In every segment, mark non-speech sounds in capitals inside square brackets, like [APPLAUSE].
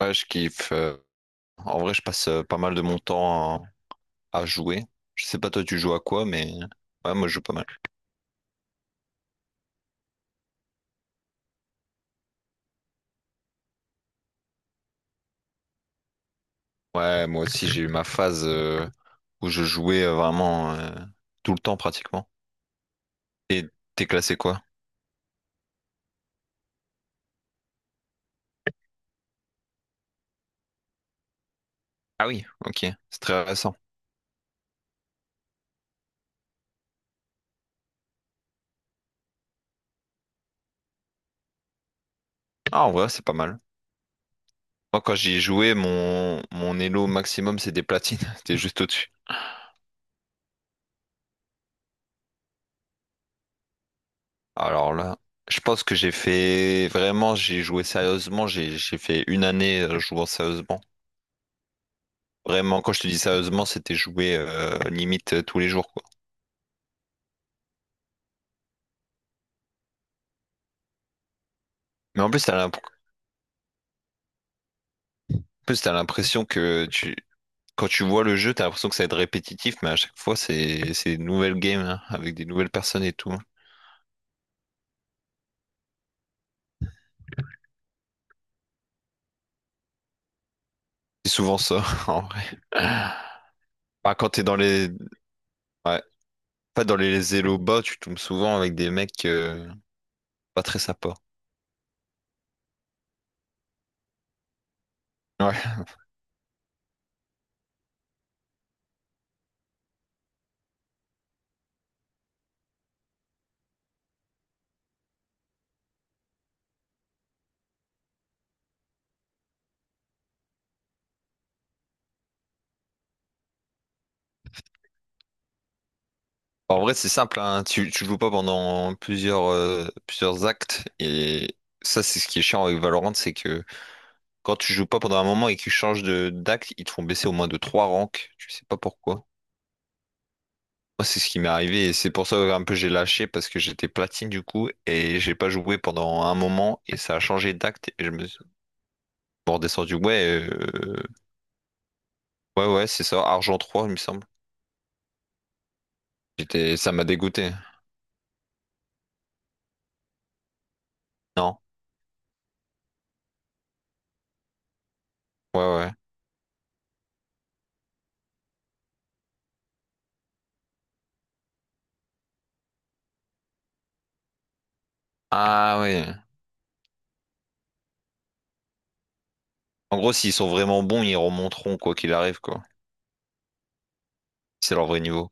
Ouais, je kiffe. En vrai, je passe pas mal de mon temps à jouer. Je sais pas toi, tu joues à quoi, mais ouais, moi, je joue pas mal. Ouais, moi aussi, j'ai eu ma phase où je jouais vraiment tout le temps pratiquement. Et t'es classé quoi? Ah oui, ok, c'est très récent. Ah, en vrai, c'est pas mal. Moi, quand j'y jouais, mon elo maximum, c'est des platines. [LAUGHS] T'es juste au-dessus. Alors là, je pense que j'ai fait vraiment, j'ai joué sérieusement. J'ai fait une année jouant sérieusement. Vraiment, quand je te dis sérieusement, c'était joué limite tous les jours, quoi. Mais en plus, en plus, t'as l'impression que tu... quand tu vois le jeu, t'as l'impression que ça va être répétitif, mais à chaque fois, c'est des nouvelles games, hein, avec des nouvelles personnes et tout, hein. C'est souvent ça, [LAUGHS] en vrai. Bah, quand t'es dans les... ouais. Pas dans les élos bas, tu tombes souvent avec des mecs pas très sympas. Ouais, enfin. En vrai, c'est simple, hein. Tu joues pas pendant plusieurs actes, et ça, c'est ce qui est chiant avec Valorant, c'est que quand tu joues pas pendant un moment et que tu changes de d'acte, ils te font baisser au moins de trois ranks. Tu sais pas pourquoi. Moi, c'est ce qui m'est arrivé et c'est pour ça un peu j'ai lâché parce que j'étais platine du coup et j'ai pas joué pendant un moment et ça a changé d'acte et je me suis bon, redescendu. Ouais, ouais, ouais, c'est ça, argent 3 il me semble. J'étais, ça m'a dégoûté. Non, ouais, ouais. Ah, ouais. En gros, s'ils sont vraiment bons, ils remonteront quoi qu'il arrive, quoi. C'est leur vrai niveau.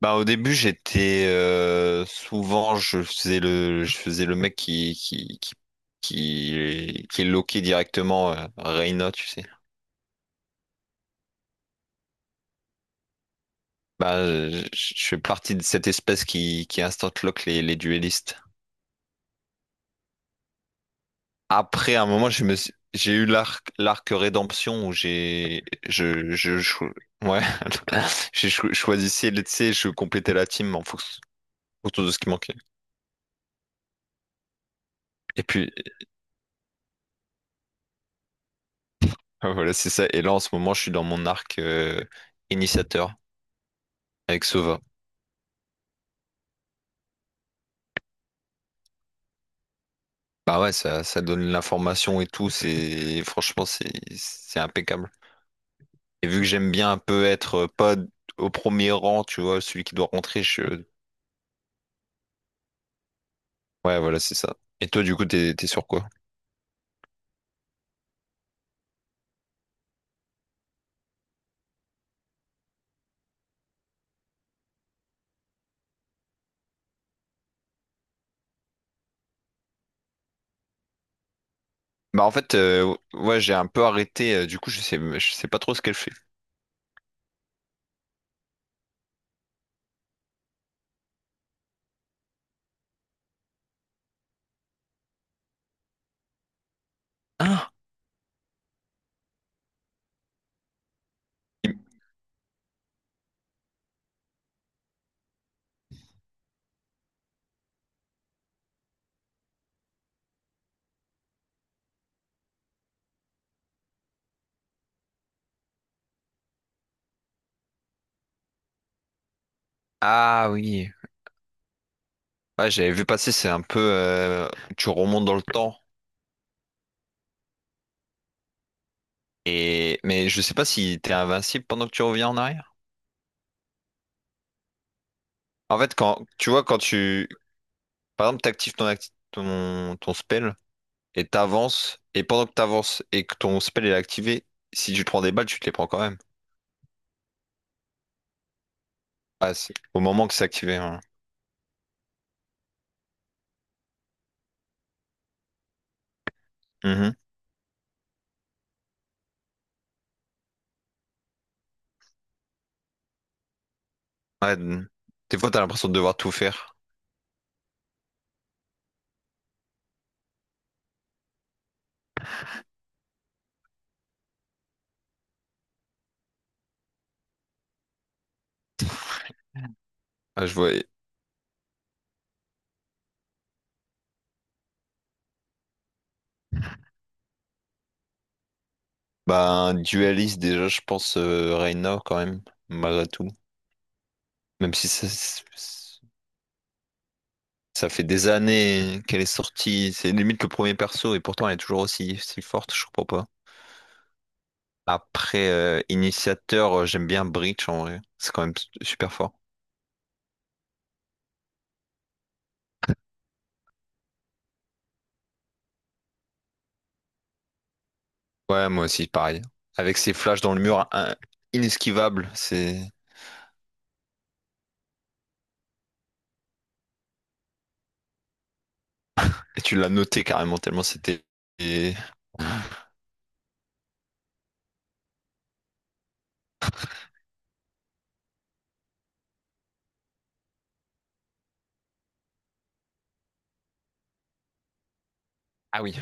Bah au début j'étais souvent je faisais le mec qui est loqué directement Reyna, tu sais. Bah je fais partie de cette espèce qui instant lock les duellistes. Après à un moment j'ai eu l'arc rédemption où j'ai je, cho- ouais [LAUGHS] choisissais, tu sais, je complétais la team en fonction autour de ce qui manquait. Et puis [LAUGHS] voilà c'est ça, et là en ce moment je suis dans mon arc initiateur. Avec Sova. Bah ouais, ça donne l'information et tout, c'est franchement c'est impeccable. Et vu que j'aime bien un peu être pas au premier rang, tu vois, celui qui doit rentrer, je... Ouais, voilà, c'est ça. Et toi, du coup, t'es sur quoi? Bah en fait, ouais, j'ai un peu arrêté, du coup, je sais pas trop ce qu'elle fait. Ah, Il- ah oui. Ouais, j'avais vu passer. C'est un peu, tu remontes dans le temps. Et mais je sais pas si t'es invincible pendant que tu reviens en arrière. En fait, quand tu, par exemple, ton spell et t'avances et pendant que t'avances et que ton spell est activé, si tu te prends des balles, tu te les prends quand même. Ah, c'est au moment que c'est activé, hein. Mhm. Ouais, d- des fois, t'as l'impression de devoir tout faire. Ah, je vois. Bah, un dualiste, déjà, je pense Reina, quand même, malgré tout. Même si ça, ça fait des années qu'elle est sortie, c'est limite le premier perso, et pourtant elle est toujours aussi, si forte, je comprends pas. Après, initiateur, j'aime bien Breach en vrai. C'est quand même super fort. Ouais, moi aussi, pareil. Avec ses flashs dans le mur, inesquivable, c'est. Et tu l'as noté carrément, tellement c'était. et- Ah oui,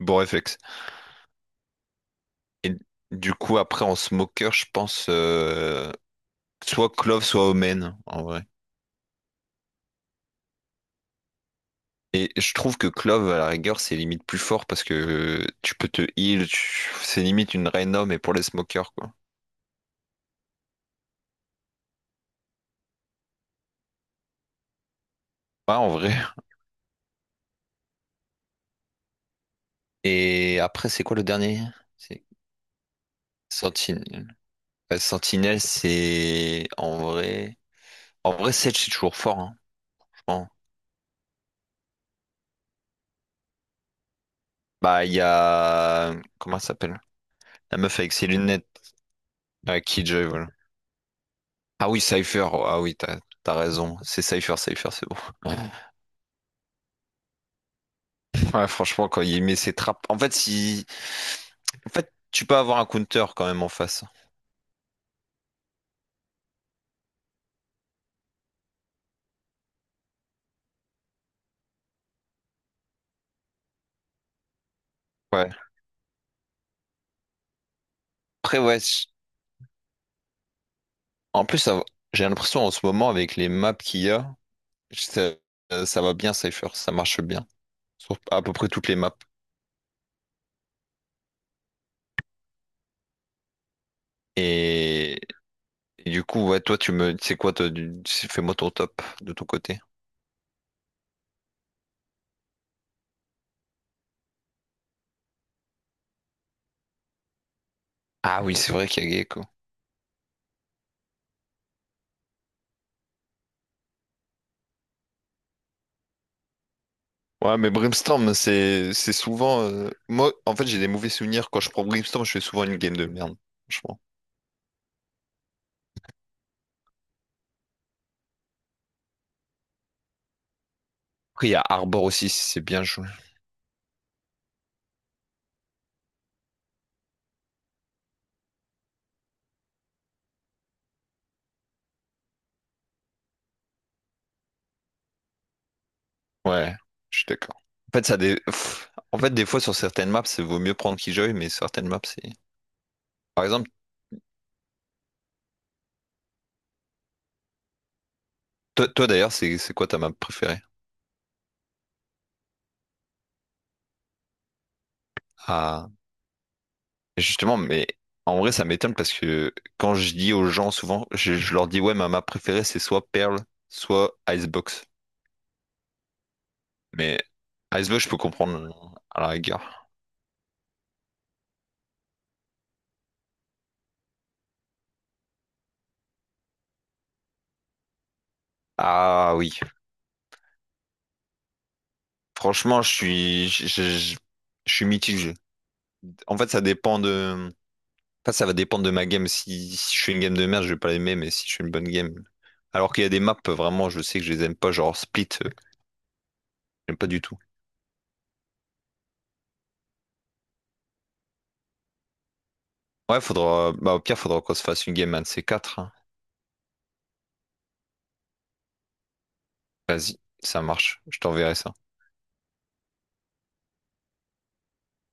bon réflexe. Et du coup, après, en smoker, je pense, soit Clove, soit Omen, en vrai. Et je trouve que Clove, à la rigueur, c'est limite plus fort parce que tu peux te heal, c'est limite une Rhino, mais pour les smokers, quoi. Ouais, en vrai. Et après, c'est quoi le dernier? C'est Sentinelle. Ouais, Sentinelle, c'est en vrai. En vrai, Sage, c'est toujours fort, hein, je pense. Bah, il y a. Comment elle s'appelle? La meuf avec ses lunettes. Ah, Killjoy, voilà. Ah oui, Cypher. Ah oui, t'as raison. C'est Cypher, Cypher, c'est bon. Ouais, franchement, quand il met ses trappes. En fait, si. En fait, tu peux avoir un counter quand même en face. Ouais. Après, ouais, en plus, j'ai l'impression en ce moment, avec les maps qu'il y a, ça, ça va bien, Cypher. Ça marche bien. Sur à peu près toutes les maps. Et, et du coup, ouais, toi, tu me. C'est quoi, toi, fais-moi ton top de ton côté. Ah oui, c'est vrai qu'il y a Gecko. Ouais, mais Brimstone, c'est souvent, moi, en fait, j'ai des mauvais souvenirs. Quand je prends Brimstone, je fais souvent une game de merde. Franchement. Après, il y a Arbor aussi, si c'est bien joué. Ouais, je suis d'accord. En fait, pff, en fait, des fois, sur certaines maps, c'est vaut mieux prendre Killjoy, mais certaines maps, c'est... Par exemple, toi, d'ailleurs, c'est quoi ta map préférée? Ah, justement, mais en vrai, ça m'étonne parce que quand je dis aux gens, souvent, je leur dis, ouais, ma map préférée, c'est soit Pearl, soit Icebox. Mais Icebox, je peux comprendre à la rigueur. Ah oui, franchement, je suis... Je je suis mitigé. En fait, ça dépend de. Enfin, ça va dépendre de ma game. Si, si je fais une game de merde, je vais pas l'aimer, mais si je fais une bonne game. Alors qu'il y a des maps, vraiment, je sais que je les aime pas, genre Split, j'aime pas du tout. Ouais, faudra. Bah, au pire, faudra qu'on se fasse une game un de ces quatre, hein. Vas-y, ça marche. Je t'enverrai ça.